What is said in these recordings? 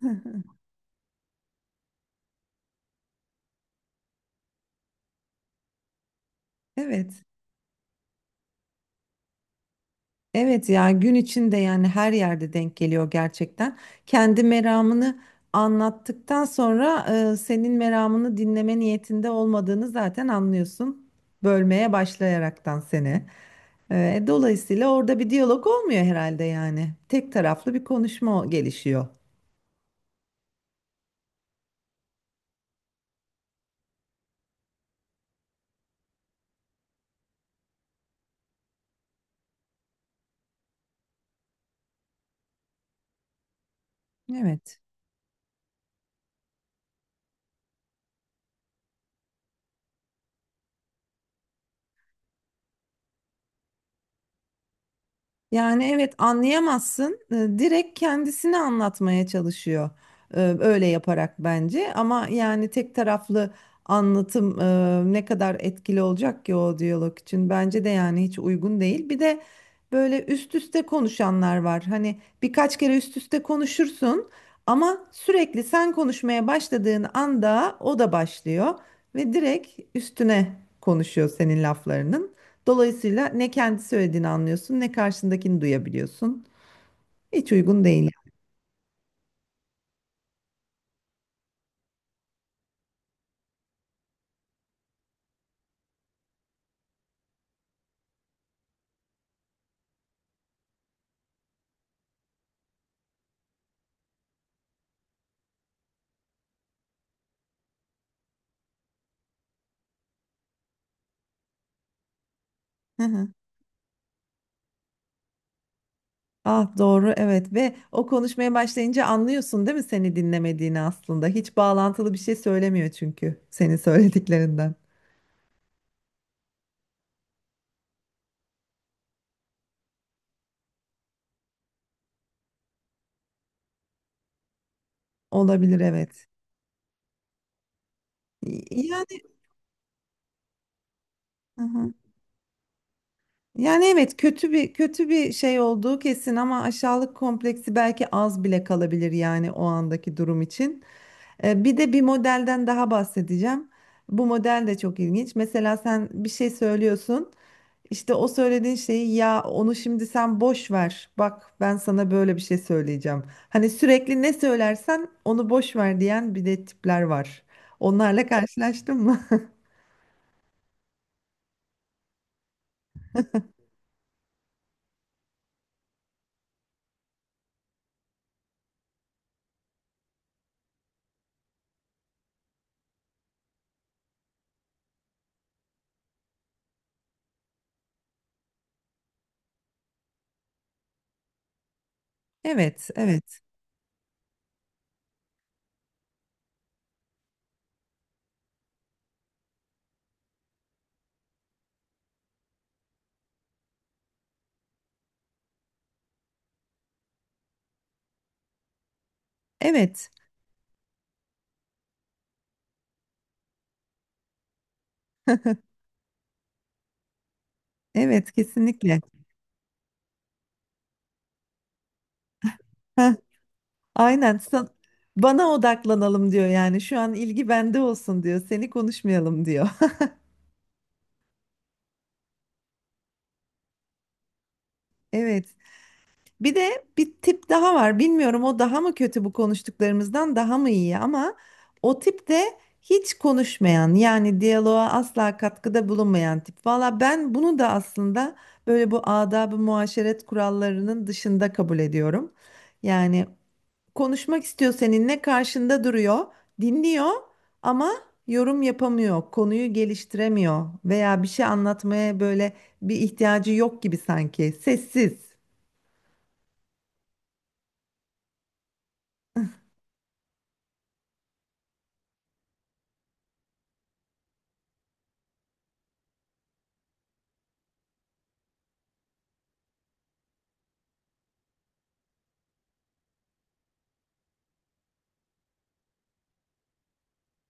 Evet. Evet ya, gün içinde yani her yerde denk geliyor gerçekten. Kendi meramını anlattıktan sonra senin meramını dinleme niyetinde olmadığını zaten anlıyorsun. Bölmeye başlayaraktan seni. Dolayısıyla orada bir diyalog olmuyor herhalde yani. Tek taraflı bir konuşma gelişiyor. Evet. Yani evet, anlayamazsın. Direkt kendisini anlatmaya çalışıyor. Öyle yaparak bence. Ama yani tek taraflı anlatım ne kadar etkili olacak ki o diyalog için. Bence de yani hiç uygun değil. Bir de böyle üst üste konuşanlar var. Hani birkaç kere üst üste konuşursun ama sürekli sen konuşmaya başladığın anda o da başlıyor ve direkt üstüne konuşuyor senin laflarının. Dolayısıyla ne kendi söylediğini anlıyorsun ne karşındakini duyabiliyorsun. Hiç uygun değil. Hı hı. Ah, doğru, evet. Ve o konuşmaya başlayınca anlıyorsun değil mi seni dinlemediğini aslında. Hiç bağlantılı bir şey söylemiyor çünkü senin söylediklerinden. Olabilir, evet. Yani hı hı. Yani evet, kötü bir şey olduğu kesin ama aşağılık kompleksi belki az bile kalabilir yani o andaki durum için. Bir de bir modelden daha bahsedeceğim. Bu model de çok ilginç. Mesela sen bir şey söylüyorsun. İşte o söylediğin şeyi, ya onu şimdi sen boş ver. Bak, ben sana böyle bir şey söyleyeceğim. Hani sürekli ne söylersen onu boş ver diyen bir de tipler var. Onlarla karşılaştın mı? Evet, evet. Evet. Evet, kesinlikle. Heh, aynen. Bana odaklanalım diyor yani. Şu an ilgi bende olsun diyor. Seni konuşmayalım diyor. Evet. Bir de bir tip daha var. Bilmiyorum o daha mı kötü bu konuştuklarımızdan daha mı iyi, ama o tip de hiç konuşmayan, yani diyaloğa asla katkıda bulunmayan tip. Valla ben bunu da aslında böyle bu adab-ı muaşeret kurallarının dışında kabul ediyorum. Yani konuşmak istiyor seninle, karşında duruyor, dinliyor ama yorum yapamıyor, konuyu geliştiremiyor veya bir şey anlatmaya böyle bir ihtiyacı yok gibi sanki. Sessiz.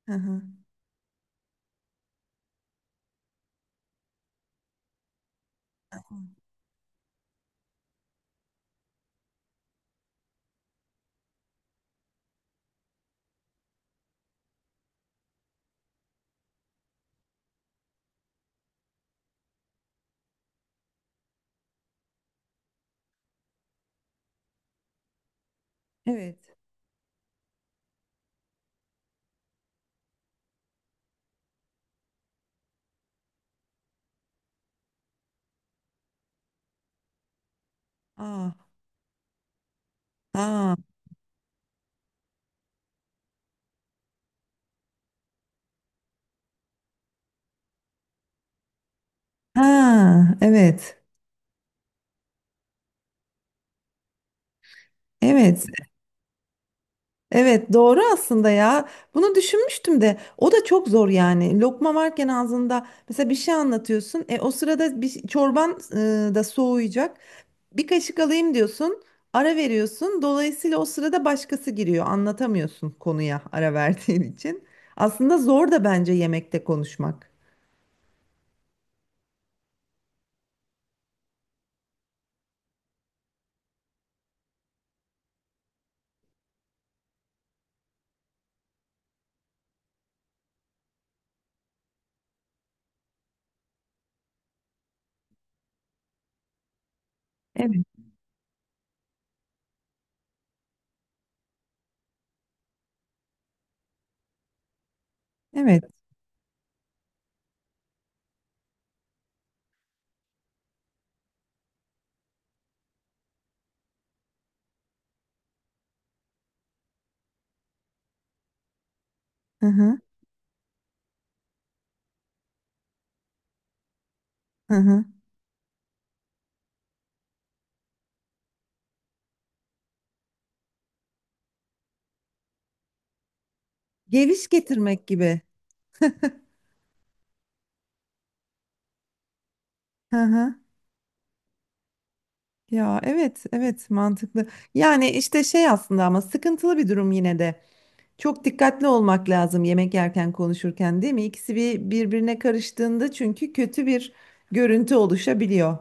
Hı hı. Evet. Ah, ah, ha, evet. Evet. Evet, doğru aslında ya. Bunu düşünmüştüm de o da çok zor yani. Lokma varken ağzında mesela bir şey anlatıyorsun. E, o sırada bir çorban da soğuyacak. Bir kaşık alayım diyorsun. Ara veriyorsun. Dolayısıyla o sırada başkası giriyor. Anlatamıyorsun konuya ara verdiğin için. Aslında zor da bence yemekte konuşmak. Evet. Evet. Hı hı. Hı hı. Geviş getirmek gibi. Hı hı. Ya evet, evet, mantıklı. Yani işte şey aslında ama sıkıntılı bir durum yine de. Çok dikkatli olmak lazım yemek yerken konuşurken, değil mi? İkisi bir birbirine karıştığında çünkü kötü bir görüntü oluşabiliyor.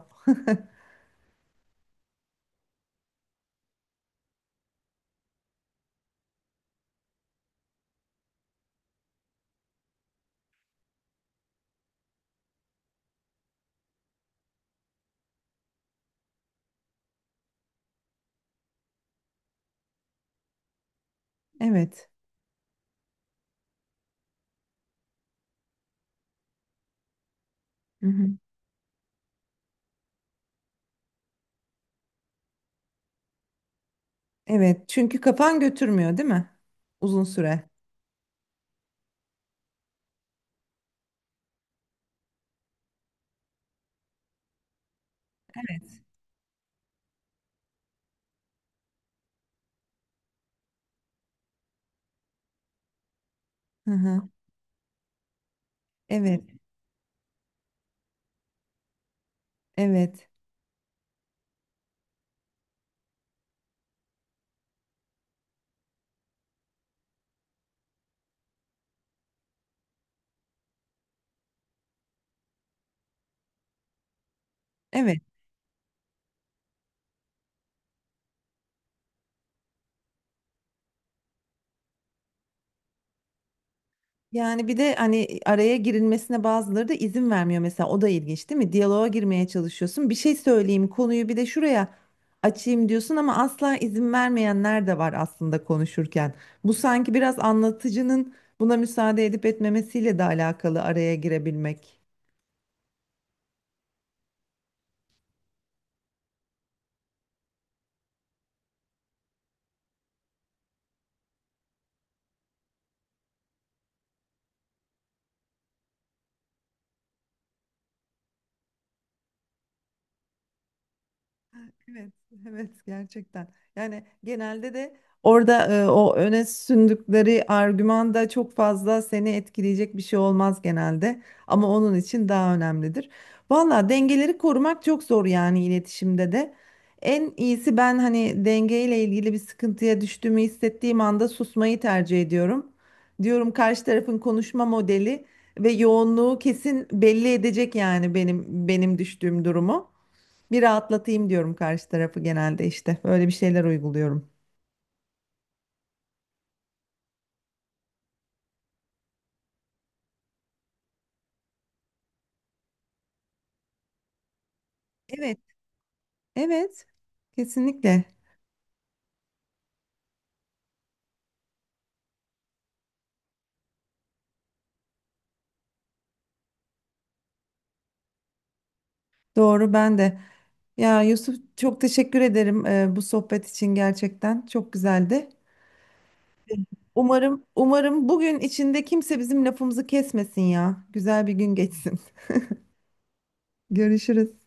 Evet. Hı hı. Evet. Çünkü kafan götürmüyor değil mi? Uzun süre. Evet. Hı hı. Evet. Evet. Evet. Yani bir de hani araya girilmesine bazıları da izin vermiyor mesela, o da ilginç değil mi? Diyaloğa girmeye çalışıyorsun. Bir şey söyleyeyim, konuyu bir de şuraya açayım diyorsun ama asla izin vermeyenler de var aslında konuşurken. Bu sanki biraz anlatıcının buna müsaade edip etmemesiyle de alakalı araya girebilmek. Evet, evet, gerçekten. Yani genelde de orada o öne sündükleri argümanda çok fazla seni etkileyecek bir şey olmaz genelde. Ama onun için daha önemlidir. Valla dengeleri korumak çok zor yani iletişimde de. En iyisi, ben hani dengeyle ilgili bir sıkıntıya düştüğümü hissettiğim anda susmayı tercih ediyorum. Diyorum karşı tarafın konuşma modeli ve yoğunluğu kesin belli edecek yani benim düştüğüm durumu. Bir rahatlatayım diyorum karşı tarafı genelde, işte. Böyle bir şeyler uyguluyorum. Evet, evet. Kesinlikle. Doğru, ben de. Ya Yusuf, çok teşekkür ederim bu sohbet için gerçekten. Çok güzeldi. Umarım bugün içinde kimse bizim lafımızı kesmesin ya. Güzel bir gün geçsin. Görüşürüz.